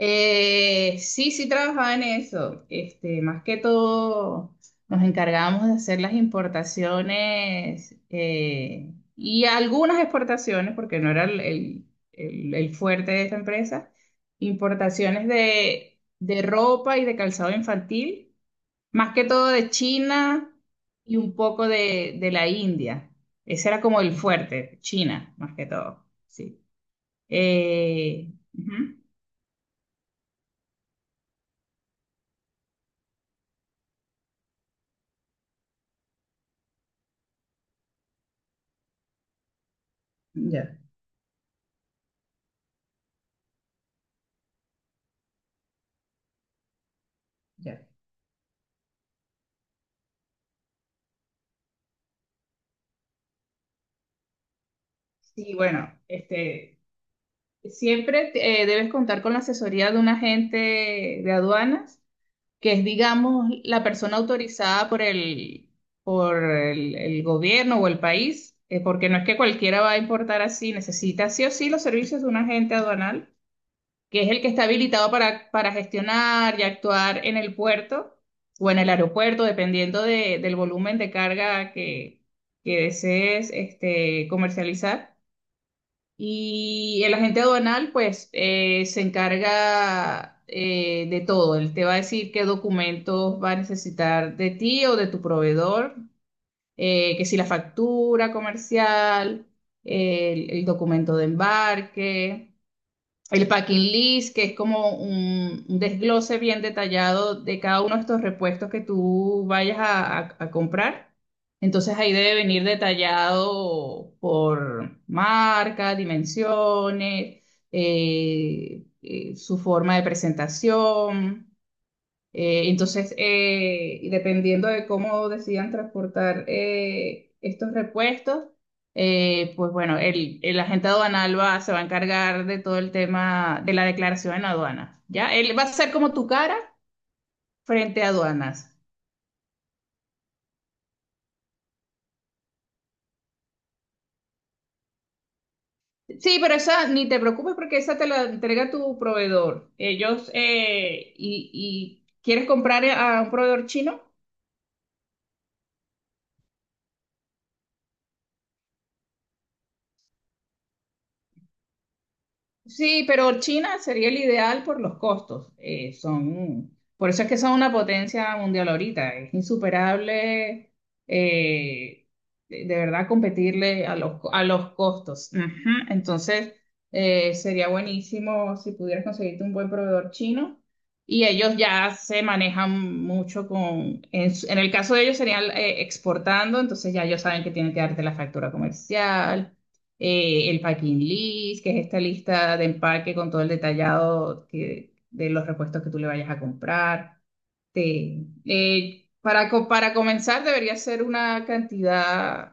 Sí, sí trabajaba en eso. Este, más que todo nos encargábamos de hacer las importaciones y algunas exportaciones, porque no era el fuerte de esta empresa, importaciones de ropa y de calzado infantil, más que todo de China y un poco de la India. Ese era como el fuerte, China, más que todo. Sí. Ujú. Ya, ya. Sí, bueno, este, siempre debes contar con la asesoría de un agente de aduanas, que es, digamos, la persona autorizada por el gobierno o el país, porque no es que cualquiera va a importar así, necesita sí o sí los servicios de un agente aduanal, que es el que está habilitado para gestionar y actuar en el puerto o en el aeropuerto, del volumen de carga que desees este, comercializar. Y el agente aduanal, pues, se encarga de todo. Él te va a decir qué documentos va a necesitar de ti o de tu proveedor, que si la factura comercial, el documento de embarque, el packing list, que es como un desglose bien detallado de cada uno de estos repuestos que tú vayas a comprar. Entonces ahí debe venir detallado por marca, dimensiones, su forma de presentación. Y dependiendo de cómo decidan transportar estos repuestos, pues bueno, el agente aduanal se va a encargar de todo el tema de la declaración en aduanas, ¿ya? Él va a ser como tu cara frente a aduanas. Sí, pero esa ni te preocupes porque esa te la entrega tu proveedor. Ellos, y quieres comprar a un proveedor chino. Sí, pero China sería el ideal por los costos. Por eso es que son una potencia mundial ahorita. Es insuperable, eh, de verdad, competirle a los costos. Ujú. Entonces, sería buenísimo si pudieras conseguirte un buen proveedor chino. Y ellos ya se manejan mucho en el caso de ellos serían exportando, entonces ya ellos saben que tienen que darte la factura comercial, el packing list, que es esta lista de empaque con todo de los repuestos que tú le vayas a comprar. Para, para comenzar, debería ser una cantidad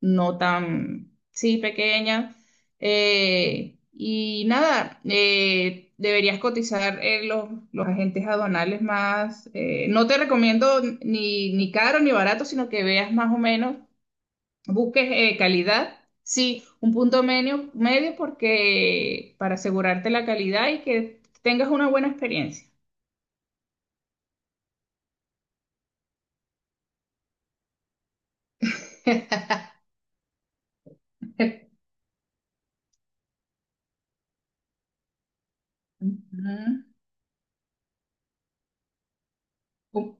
no tan, sí, pequeña. Y nada, Deberías cotizar los agentes aduanales más. No te recomiendo ni caro ni barato, sino que veas más o menos busques calidad, sí, un punto medio porque para asegurarte la calidad y que tengas una buena experiencia. Ujú.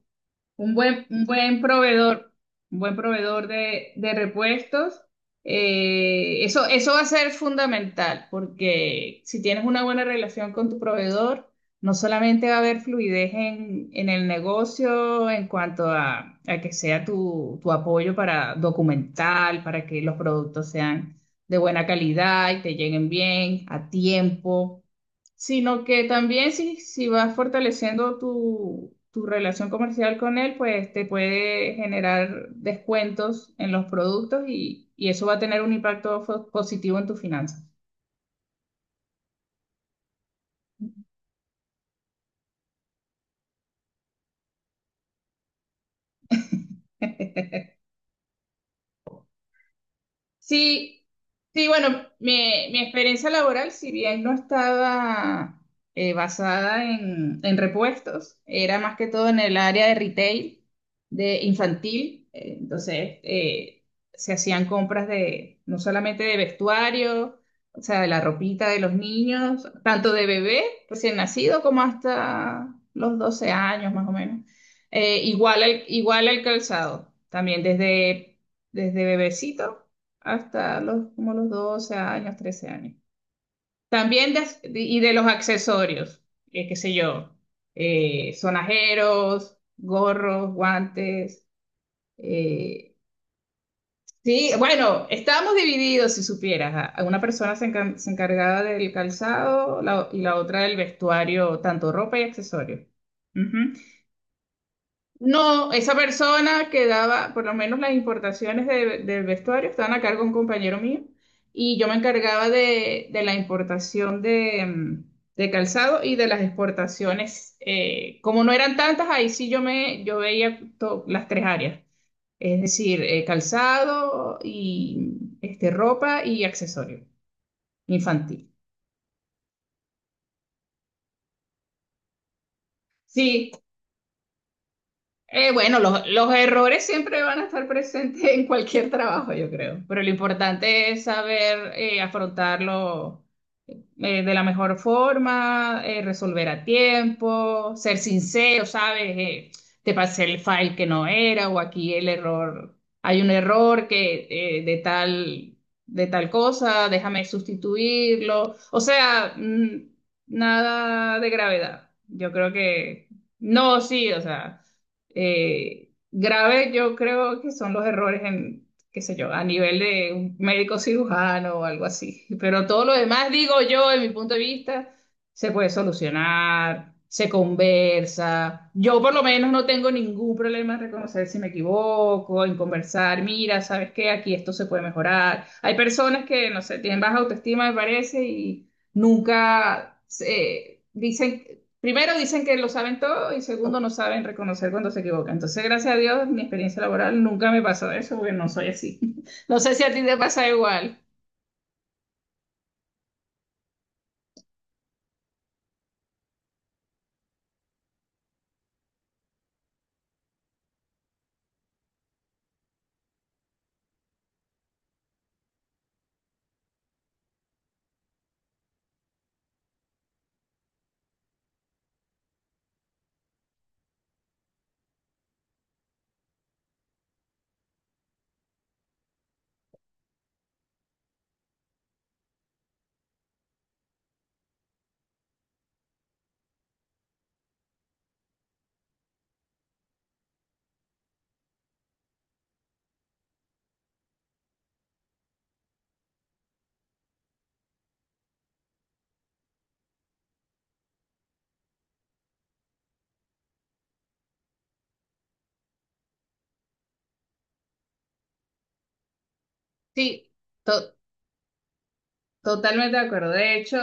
Un buen proveedor, un buen proveedor de repuestos, eso va a ser fundamental, porque si tienes una buena relación con tu proveedor, no solamente va a haber fluidez en el negocio en cuanto a que sea tu apoyo para documental, para que los productos sean de buena calidad y te lleguen bien, a tiempo, sino que también si vas fortaleciendo tu relación comercial con él, pues te puede generar descuentos en los productos y eso va a tener un impacto positivo en tus finanzas. Sí, sí, bueno, mi experiencia laboral, si bien no estaba basada en repuestos, era más que todo en el área de retail, de infantil. Se hacían compras de no solamente de vestuario, o sea, de la ropita de los niños, tanto de bebé recién nacido como hasta los 12 años más o menos. Igual al calzado, también desde bebecito hasta como los 12 años, 13 años. También y de los accesorios, qué sé yo, sonajeros, gorros, guantes. eh, sí, bueno, estábamos divididos, si supieras. A Una persona se, se encargaba del calzado y la otra del vestuario, tanto ropa y accesorios. No, esa persona que daba, por lo menos las importaciones del vestuario, estaban a cargo de un compañero mío y yo me encargaba de la importación de, mm, de calzado y de las exportaciones. Como no eran tantas, ahí sí yo veía las tres áreas, es decir, calzado y este, ropa y accesorio infantil. Sí. Bueno, los errores siempre van a estar presentes en cualquier trabajo, yo creo, pero lo importante es saber afrontarlo de la mejor forma, resolver a tiempo, ser sincero, ¿sabes? Te pasé el file que no era o aquí el error, hay un error que eh, de tal, de tal cosa, déjame sustituirlo. O sea, mm, nada de gravedad. Yo creo que, no, sí, o sea, grave yo creo que son los errores, qué sé yo, a nivel de un médico cirujano o algo así. Pero todo lo demás, digo yo, de mi punto de vista, se puede solucionar, se conversa. Yo por lo menos no tengo ningún problema en reconocer si me equivoco, en conversar, mira, ¿sabes qué? Aquí esto se puede mejorar. Hay personas que, no sé, tienen baja autoestima, me parece, y nunca se dicen, primero dicen que lo saben todo y segundo no saben reconocer cuando se equivocan. Entonces, gracias a Dios, en mi experiencia laboral nunca me pasó eso porque no soy así. No sé si a ti te pasa igual. Sí, to- totalmente de acuerdo. De hecho,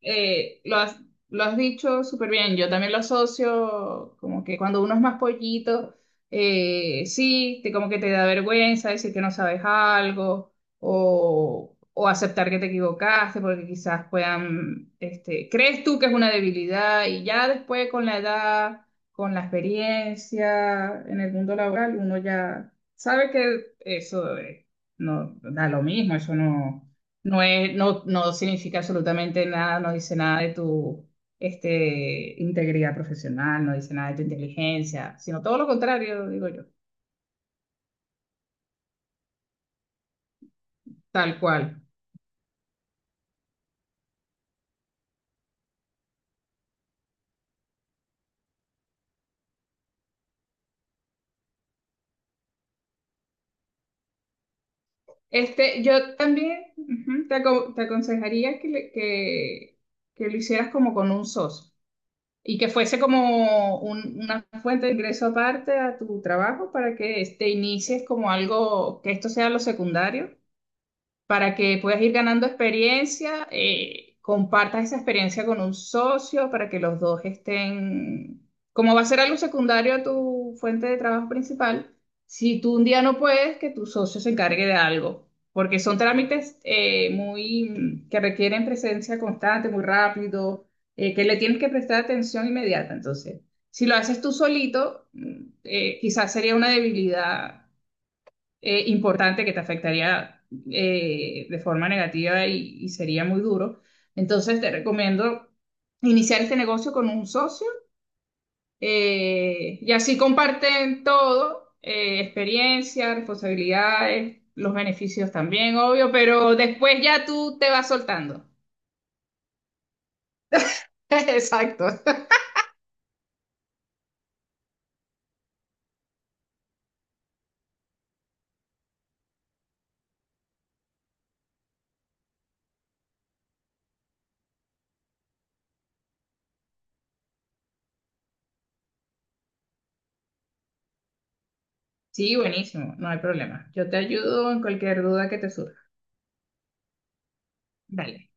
eh, lo has, lo has dicho súper bien. Yo también lo asocio como que cuando uno es más pollito, sí, como que te da vergüenza decir que no sabes algo o aceptar que te equivocaste porque quizás puedan, este, crees tú que es una debilidad y ya después con la edad, con la experiencia en el mundo laboral, uno ya sabe que eso, no da lo mismo, eso no. No significa absolutamente nada, no dice nada de tu este, integridad profesional, no dice nada de tu inteligencia, sino todo lo contrario, digo yo, tal cual. Este, yo también ujú, te aconsejaría que lo hicieras como con un socio y que fuese como una fuente de ingreso aparte a tu trabajo para que te inicies como algo, que esto sea lo secundario para que puedas ir ganando experiencia, compartas esa experiencia con un socio para que los dos estén, como va a ser algo secundario a tu fuente de trabajo principal, si tú un día no puedes, que tu socio se encargue de algo, porque son trámites muy que requieren presencia constante, muy rápido, que le tienes que prestar atención inmediata. Entonces, si lo haces tú solito, mm, quizás sería una debilidad importante que te afectaría de forma negativa y sería muy duro. Entonces te recomiendo iniciar este negocio con un socio, y así comparten todo, experiencia, responsabilidades, los beneficios también, obvio, pero después ya tú te vas soltando. Exacto. Sí, buenísimo, no hay problema. Yo te ayudo en cualquier duda que te surja. Dale.